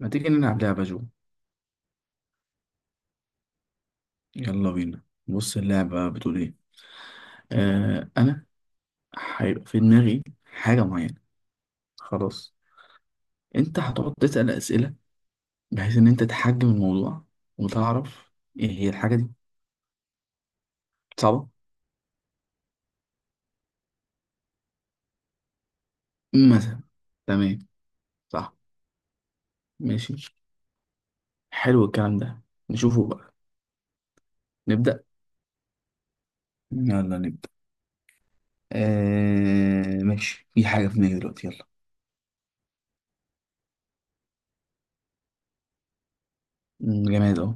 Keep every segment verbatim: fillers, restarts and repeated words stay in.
ما تيجي نلعب لعبة جو. يلا بينا. بص اللعبة بتقول ايه. آه انا هيبقى في دماغي حاجة معينة. خلاص. انت هتقعد تسأل اسئلة بحيث ان انت تحجم الموضوع وتعرف ايه هي الحاجة دي. صعبة. مثلا. تمام. صح. ماشي. حلو الكلام ده، نشوفه بقى. نبدأ. يلا نبدأ. آه ماشي، في حاجة في دماغي دلوقتي، يلا. مم، جماد اهو.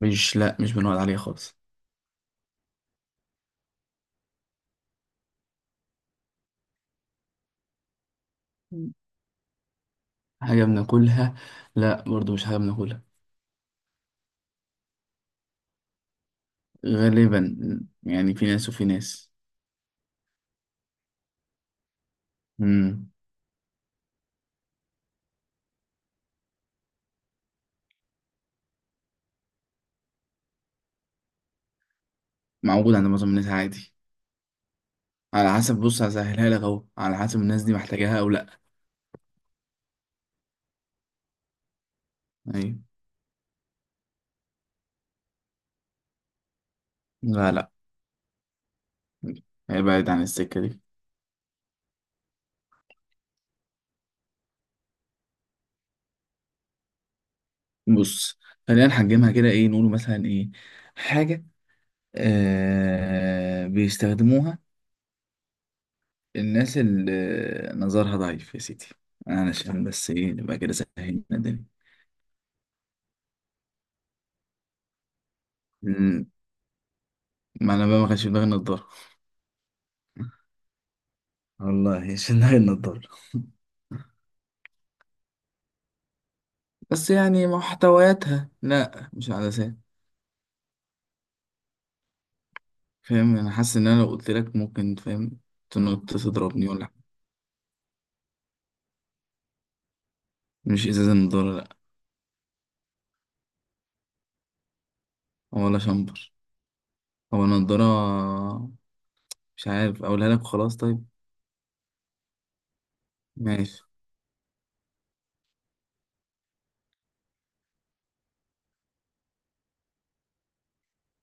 مش، لا مش بنقعد عليها خالص. حاجة بناكلها؟ لا برضو مش حاجة بناكلها. غالبا، يعني في ناس وفي ناس. امم موجود عند معظم الناس عادي. على حسب، بص هسهلها لك اهو، على حسب الناس دي محتاجاها او لا. ايوه. لا لا، هي بعيد عن السكة دي. بص، خلينا نحجمها كده، ايه نقول مثلا ايه. حاجة آه بيستخدموها الناس اللي نظرها ضعيف يا سيدي، علشان بس ايه نبقى كده سهلنا الدنيا. مم، ما انا بقى ما كانش في دماغي النضارة. والله مش في دماغي النضارة. بس يعني محتوياتها، لا مش عدسات. فاهم، انا حاسس ان انا لو قلت لك، ممكن فاهم تنط تضربني ولا حاجة. مش ازازة نضارة، لا. ولا شامبر، هو نضارة. مش عارف اقولها لك، خلاص طيب. ماشي.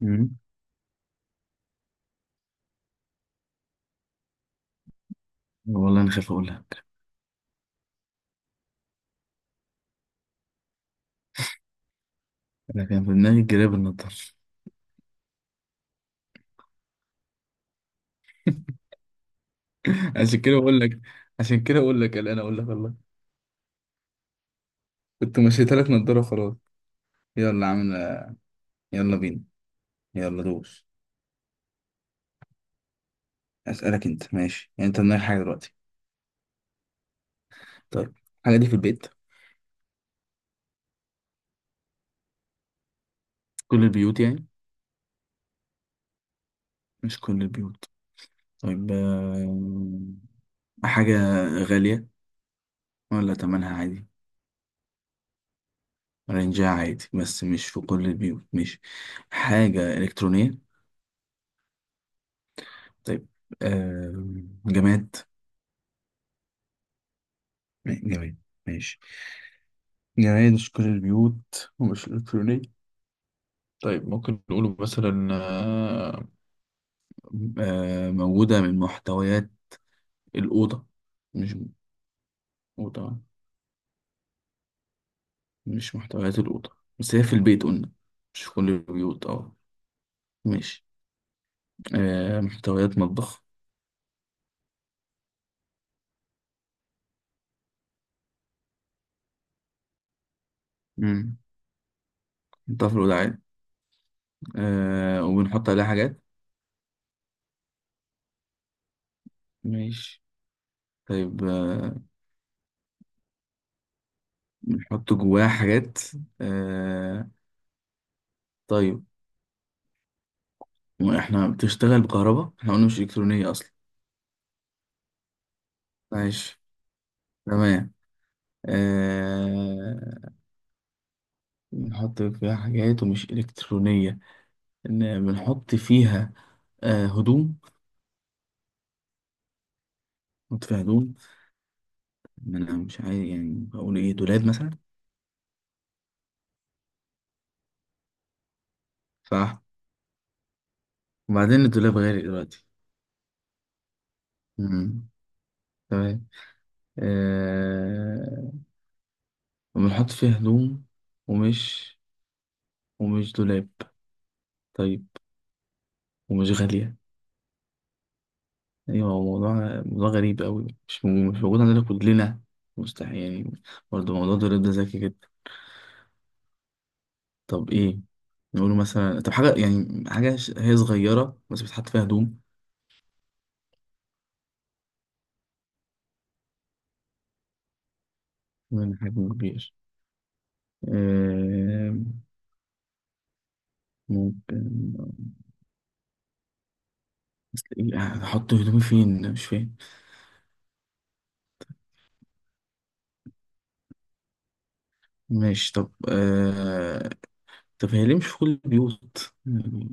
مم. والله انا خايف اقول لك. انا كان في دماغي جراب النضارة. عشان كده بقول لك، عشان كده بقول لك قلقان اقول لك والله. كنت مشيتها لك نضارة خلاص. يلا عامل، يلا بينا. يلا دوس. اسالك انت ماشي، يعني انت دماغك حاجة دلوقتي؟ طيب، الحاجة دي في البيت؟ كل البيوت يعني؟ مش كل البيوت. طيب آه، حاجة غالية ولا تمنها عادي؟ رينجها عادي بس مش في كل البيوت، مش حاجة إلكترونية؟ طيب آه، جماد؟ جماد، ماشي. جماد، مش كل البيوت، ومش إلكترونية. طيب ممكن نقوله مثلا آه، آه، موجودة من محتويات الأوضة؟ مش أوضة؟ مش محتويات الأوضة؟ بس هي في البيت قلنا، مش في كل البيوت، اه. ماشي آه، محتويات مطبخ؟ مم. نحطها في الوعاء؟ آه، وبنحط عليها حاجات؟ ماشي. طيب آه، بنحط جواها حاجات. آه، طيب احنا بتشتغل بكهرباء؟ احنا قلنا مش إلكترونية أصلا. ماشي. تمام. آه، بنحط فيها حاجات ومش إلكترونية. إن بنحط فيها آه، هدوم؟ نحط فيها هدوم. ما أنا مش عارف يعني، بقول إيه دولاب مثلا. صح، وبعدين الدولاب غالي دلوقتي. مم. تمام. آه، وبنحط فيها هدوم ومش، ومش دولاب. طيب، ومش غالية. أيوة، هو موضوع موضوع غريب أوي، مش مو- مش موجود عندنا كلنا، مستحيل يعني. برضه موضوع الدولاب ده ذكي جدا. طب إيه نقوله مثلا؟ طب حاجة يعني، حاجة ش- هي صغيرة بس بتحط فيها هدوم؟ من حجم كبير؟ آه، ممكن. بس إيه، هحط هدومي فين مش فاهم. ماشي. طب آه... طب هي ليه مش في كل البيوت يعني؟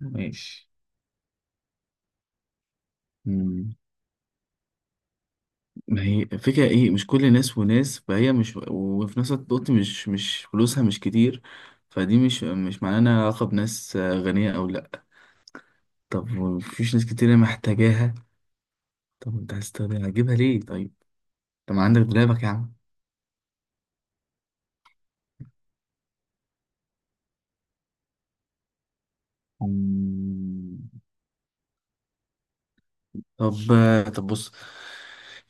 ماشي. مم. ما هي فكرة ايه، مش كل ناس وناس فهي مش، وفي نفس الوقت قلت مش، مش فلوسها مش كتير. فدي مش مش معناها انها علاقة بناس آه، غنية او لا. طب، ومفيش ناس كتير محتاجاها. طب انت هتستخدمها هتجيبها ليه طيب؟ طب ما عندك دولابك يا عم. مم. طب آه، طب بص،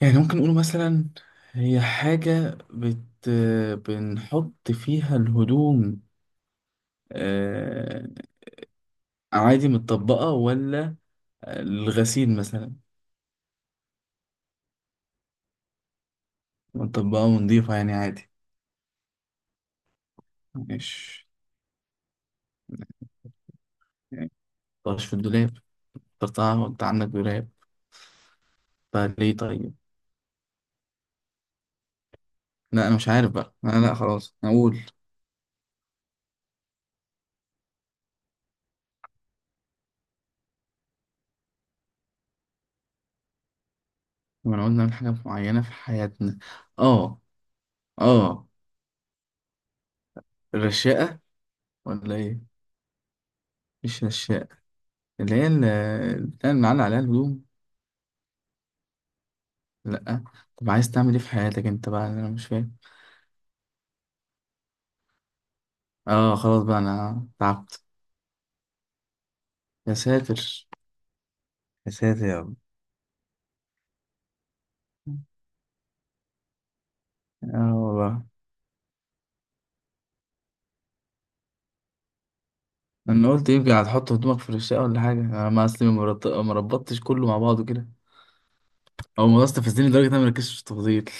يعني ممكن نقول مثلا هي حاجة بت بنحط فيها الهدوم آه، عادي متطبقة؟ ولا الغسيل مثلا؟ ونطبقها ونضيفها يعني عادي؟ مش يعني طش في الدولاب، اخترتها وانت عندك دولاب، فليه طيب؟ لا انا مش عارف بقى، لا لا، خلاص اقول. لما نقول نعمل حاجة معينة في حياتنا. اه. اه. الرشاقة ولا ايه؟ مش رشاقة، اللي هي ال- البتاع اللي معلق عليها الهدوم. لا. طب عايز تعمل ايه في حياتك انت بقى، انا مش فاهم. اه خلاص بقى انا تعبت. يا ساتر، يا ساتر يا رب. اه والله. انا قلت يمكن هتحطه في دماغك في الشقه ولا حاجه، انا ما اصلي ما مرت- ما ربطتش كله مع بعضه كده، او الموضوع استفزني لدرجه ان انا ما ركزتش في التفاصيل.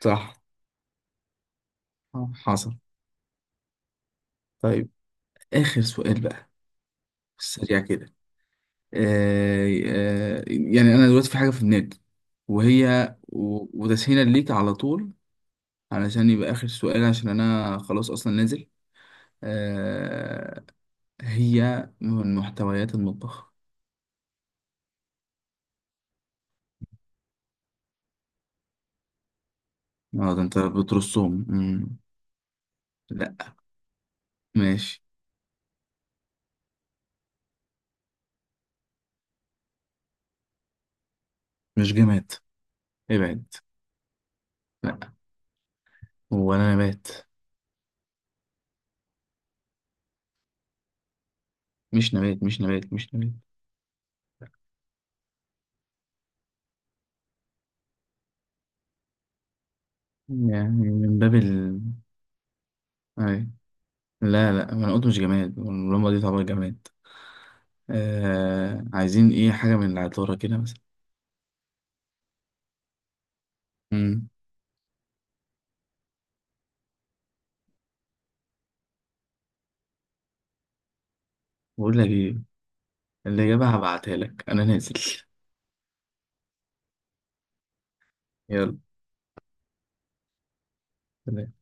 صح. آه، حصل. طيب، اخر سؤال بقى، سريع كده. آه آه يعني انا دلوقتي في حاجه في دماغي، وهي و- وتسهيلا ليك على طول، علشان يبقى اخر سؤال، عشان انا خلاص اصلا نازل. آه، هي من محتويات المطبخ. اه ده انت بترصهم. مم. لا. ماشي. مش جماد، ابعد. لا، هو انا نبات؟ مش نبات، مش نبات، مش نبات. يعني من باب ال أي. لا لا، ما انا قلت مش جماد، واللمبة دي تعتبر جماد. آه... عايزين ايه، حاجة من العطارة كده مثلا؟ امم بقول لك ايه، اللي جابها هبعتها لك، انا نازل. يلا سلام.